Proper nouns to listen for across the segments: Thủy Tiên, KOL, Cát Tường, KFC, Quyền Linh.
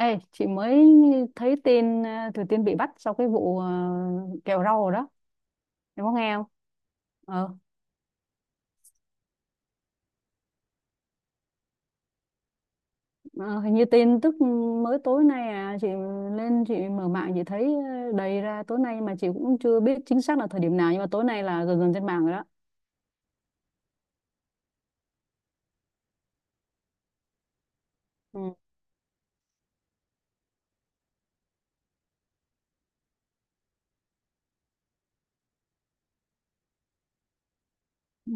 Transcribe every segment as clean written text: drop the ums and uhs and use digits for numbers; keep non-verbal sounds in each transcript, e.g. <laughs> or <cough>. Ê, chị mới thấy tin Thủy Tiên bị bắt sau cái vụ kẹo rau rồi đó. Em có nghe không? Ờ, ờ, Hình như tin tức mới tối nay chị lên chị mở mạng chị thấy đầy ra tối nay, mà chị cũng chưa biết chính xác là thời điểm nào, nhưng mà tối nay là gần gần trên mạng rồi đó. Ừ. Ừ.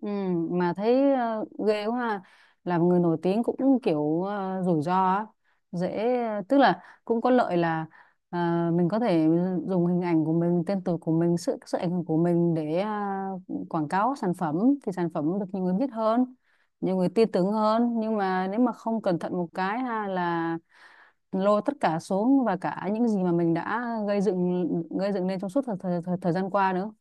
Ừ, mà thấy ghê quá ha. Làm người nổi tiếng cũng kiểu rủi ro á. dễ Tức là cũng có lợi là ờ, mình có thể dùng hình ảnh của mình, tên tuổi của mình, sự sự ảnh hưởng của mình để quảng cáo sản phẩm, thì sản phẩm được nhiều người biết hơn, nhiều người tin tưởng hơn. Nhưng mà nếu mà không cẩn thận một cái ha là lôi tất cả xuống, và cả những gì mà mình đã gây dựng lên trong suốt thời gian qua nữa.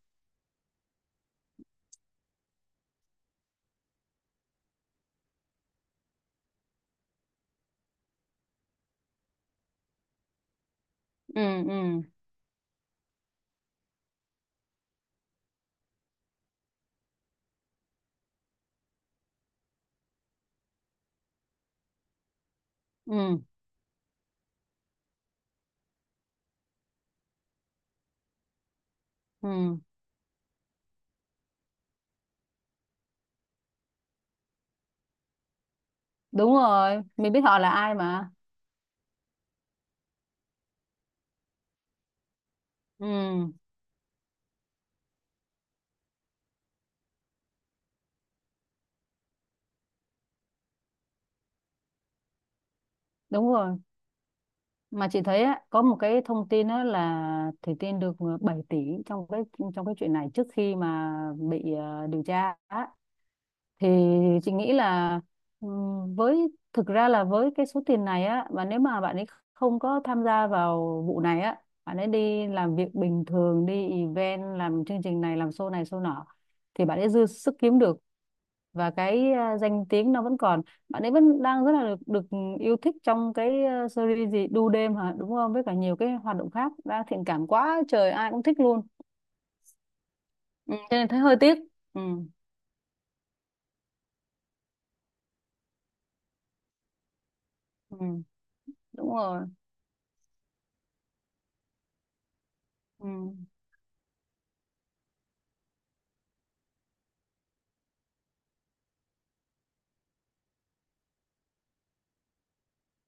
Ừ. Ừ. Ừ. Ừ. Đúng rồi, mình biết họ là ai mà. Ừ. Đúng rồi. Mà chị thấy á, có một cái thông tin á là Thủy Tiên được 7 tỷ trong cái chuyện này, trước khi mà bị điều tra á. Thì chị nghĩ là ừ, với thực ra là với cái số tiền này á, và nếu mà bạn ấy không có tham gia vào vụ này á, bạn ấy đi làm việc bình thường, đi event, làm chương trình này, làm show này show nọ, thì bạn ấy dư sức kiếm được. Và cái danh tiếng nó vẫn còn, bạn ấy vẫn đang rất là được yêu thích trong cái series gì Đu đêm hả, đúng không, với cả nhiều cái hoạt động khác đã thiện cảm quá trời, ai cũng thích luôn. Ừ, cho nên thấy hơi tiếc. Ừ. Ừ. Đúng rồi. Ừ.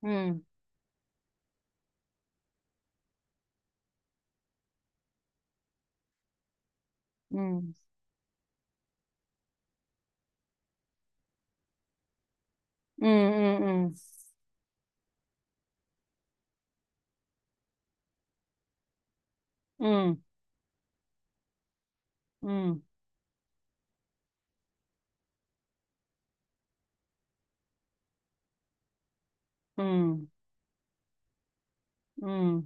Ừ. Ừ. Ừ. Ừ. Ừ. Ừ. Ừ. Ừ. Ừ. Ừ.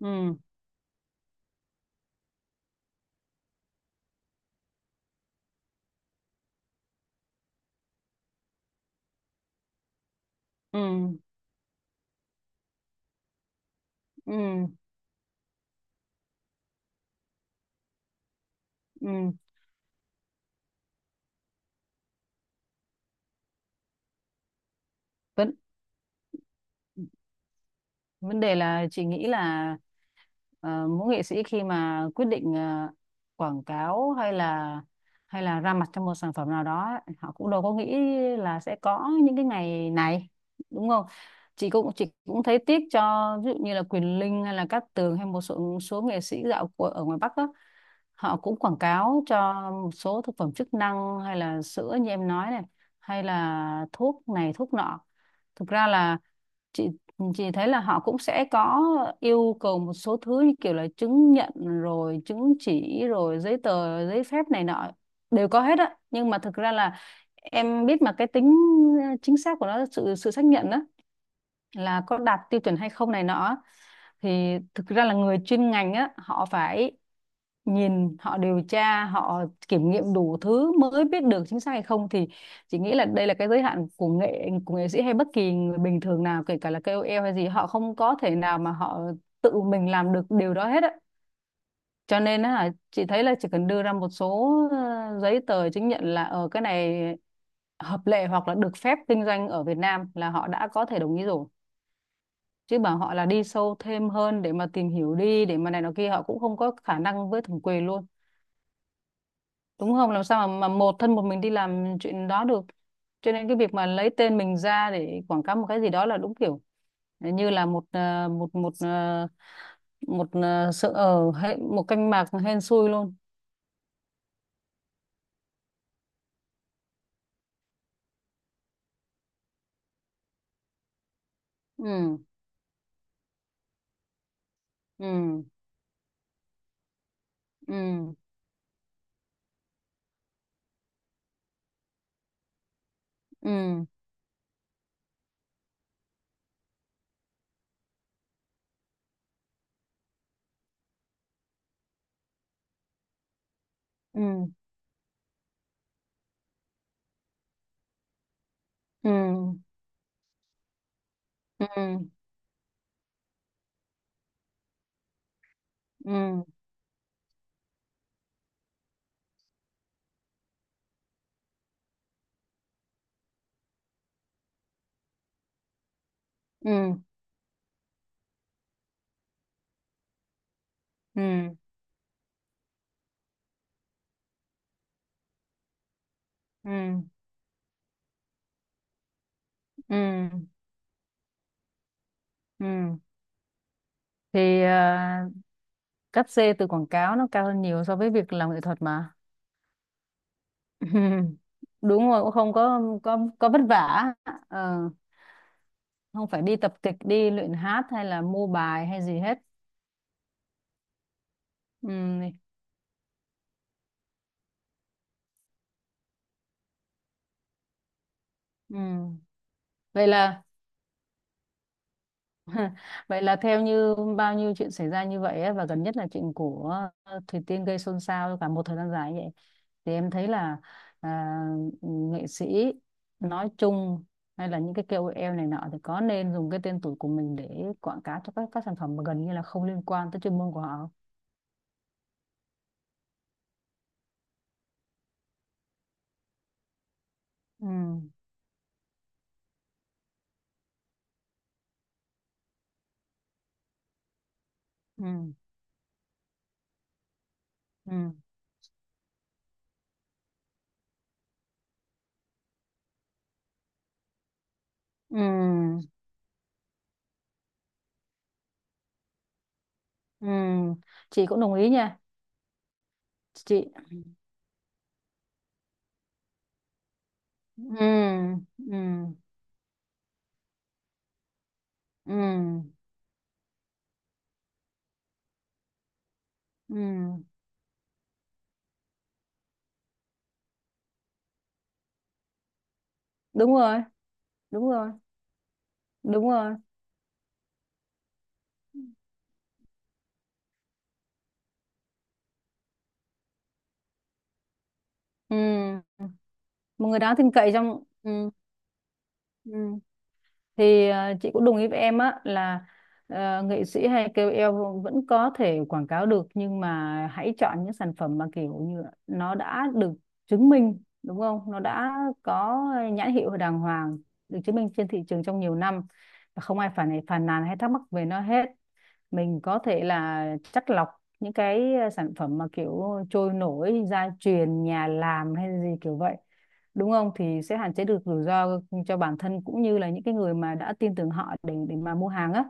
Ừ. Ừ. Ừ. Ừ. Ừ. Vấn vấn đề là chị nghĩ là mỗi nghệ sĩ khi mà quyết định quảng cáo, hay là ra mặt trong một sản phẩm nào đó ấy, họ cũng đâu có nghĩ là sẽ có những cái ngày này, đúng không. Chị cũng thấy tiếc cho ví dụ như là Quyền Linh hay là Cát Tường, hay một số số nghệ sĩ dạo của ở ngoài Bắc đó, họ cũng quảng cáo cho một số thực phẩm chức năng hay là sữa như em nói này, hay là thuốc này thuốc nọ. Thực ra là chị thấy là họ cũng sẽ có yêu cầu một số thứ như kiểu là chứng nhận rồi chứng chỉ rồi giấy tờ giấy phép này nọ đều có hết á. Nhưng mà thực ra là em biết mà, cái tính chính xác của nó, sự sự xác nhận đó là có đạt tiêu chuẩn hay không này nọ, thì thực ra là người chuyên ngành á, họ phải nhìn, họ điều tra, họ kiểm nghiệm đủ thứ mới biết được chính xác hay không. Thì chị nghĩ là đây là cái giới hạn của nghệ sĩ hay bất kỳ người bình thường nào, kể cả là KOL hay gì, họ không có thể nào mà họ tự mình làm được điều đó hết á. Cho nên á là chị thấy là chỉ cần đưa ra một số giấy tờ chứng nhận là ở cái này hợp lệ hoặc là được phép kinh doanh ở Việt Nam, là họ đã có thể đồng ý rồi. Chứ bảo họ là đi sâu thêm hơn để mà tìm hiểu đi, để mà này nó kia, họ cũng không có khả năng với thẩm quyền luôn, đúng không, làm sao mà một thân một mình đi làm chuyện đó được. Cho nên cái việc mà lấy tên mình ra để quảng cáo một cái gì đó là đúng kiểu như là một sự ở hệ một canh mạc hên xui luôn. Ừ. Ừ. Ừ. Ừ. Ừ. Ừ. Ừ. Ừ. Ừ. Ừ. Ừ. Ừ. Ừ. Ừ. Thì cắt xê từ quảng cáo nó cao hơn nhiều so với việc làm nghệ thuật mà. <laughs> Đúng rồi, cũng không có vất vả. Ờ, Không phải đi tập kịch, đi luyện hát, hay là mua bài hay gì hết. Ừ. Ừ. vậy là <laughs> Vậy là theo như bao nhiêu chuyện xảy ra như vậy ấy, và gần nhất là chuyện của Thủy Tiên gây xôn xao cả một thời gian dài như vậy, thì em thấy là à, nghệ sĩ nói chung, hay là những cái KOL này nọ, thì có nên dùng cái tên tuổi của mình để quảng cáo cho các sản phẩm mà gần như là không liên quan tới chuyên môn của họ không? Ừ. Ừ. Ừ. Ừ. Ừ. Chị cũng đồng ý nha chị. Ừ. Ừ. Ừ. Ừ. Đúng rồi, đúng rồi, đúng rồi. Ừ. Một người đáng tin cậy trong. Ừ. Ừ. Thì chị cũng đồng ý với em á là nghệ sĩ hay KOL vẫn có thể quảng cáo được, nhưng mà hãy chọn những sản phẩm mà kiểu như là nó đã được chứng minh, đúng không, nó đã có nhãn hiệu đàng hoàng, được chứng minh trên thị trường trong nhiều năm, và không ai phản phàn nàn hay thắc mắc về nó hết. Mình có thể là chắt lọc những cái sản phẩm mà kiểu trôi nổi, gia truyền, nhà làm hay gì kiểu vậy, đúng không, thì sẽ hạn chế được rủi ro cho bản thân cũng như là những cái người mà đã tin tưởng họ để mà mua hàng á,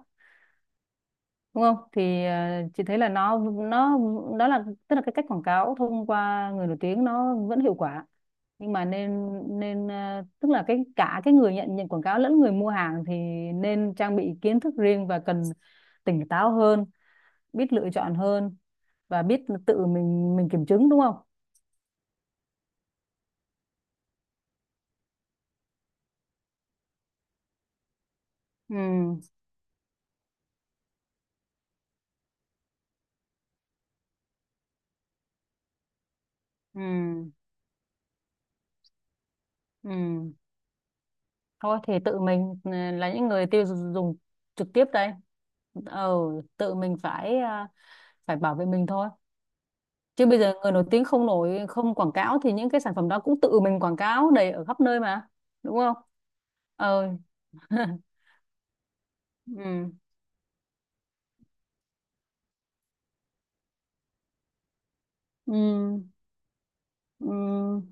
đúng không. Thì chị thấy là nó, đó là, tức là cái cách quảng cáo thông qua người nổi tiếng nó vẫn hiệu quả, nhưng mà nên nên tức là cái cả cái người nhận nhận quảng cáo lẫn người mua hàng thì nên trang bị kiến thức riêng, và cần tỉnh táo hơn, biết lựa chọn hơn, và biết tự mình kiểm chứng, đúng không? Ừ. Ừ. Ừ. Thôi thì tự mình ừ, là những người tiêu dùng trực tiếp đây, ờ tự mình phải phải bảo vệ mình thôi. Chứ bây giờ người nổi tiếng không nổi, không quảng cáo, thì những cái sản phẩm đó cũng tự mình quảng cáo đầy ở khắp nơi mà, đúng không. ờ <laughs> ừ. Ừ. Ừ.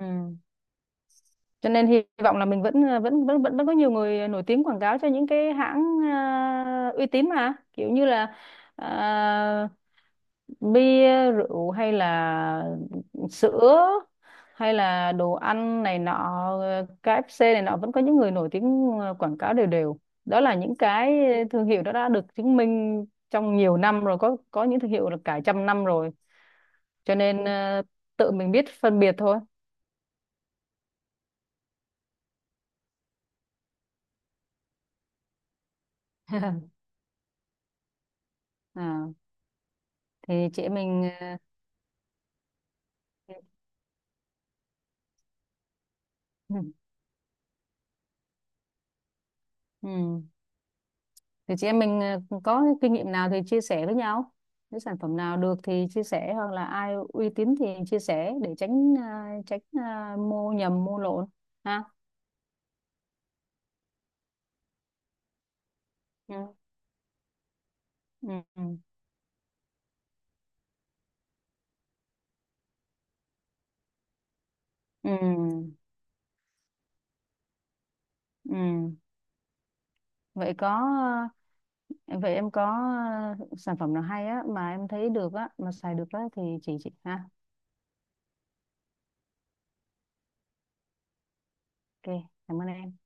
Ừ. Cho nên hy vọng là mình vẫn ờ, vẫn vẫn vẫn vẫn có nhiều người nổi tiếng quảng cáo cho những cái hãng uy tín, mà kiểu như là à, bia rượu, hay là sữa, hay là đồ ăn này nọ, KFC này nọ, vẫn có những người nổi tiếng quảng cáo đều đều. Đó là những cái thương hiệu đó đã được chứng minh trong nhiều năm rồi, có những thương hiệu là cả trăm năm rồi, cho nên tự mình biết phân biệt thôi. <laughs> à, thì chị em mình Ừ. Ừ. Thì chị em mình có kinh nghiệm nào thì chia sẻ với nhau. Nếu sản phẩm nào được thì chia sẻ, hoặc là ai uy tín thì chia sẻ để tránh, mua nhầm mua lộn ha. Ừ. Ừ. Ừ. Ừ. Ừ. Vậy có ờ, vậy em có sản phẩm nào hay á, mà em thấy được á, mà xài được á, thì chị ha. Ok, cảm ơn em.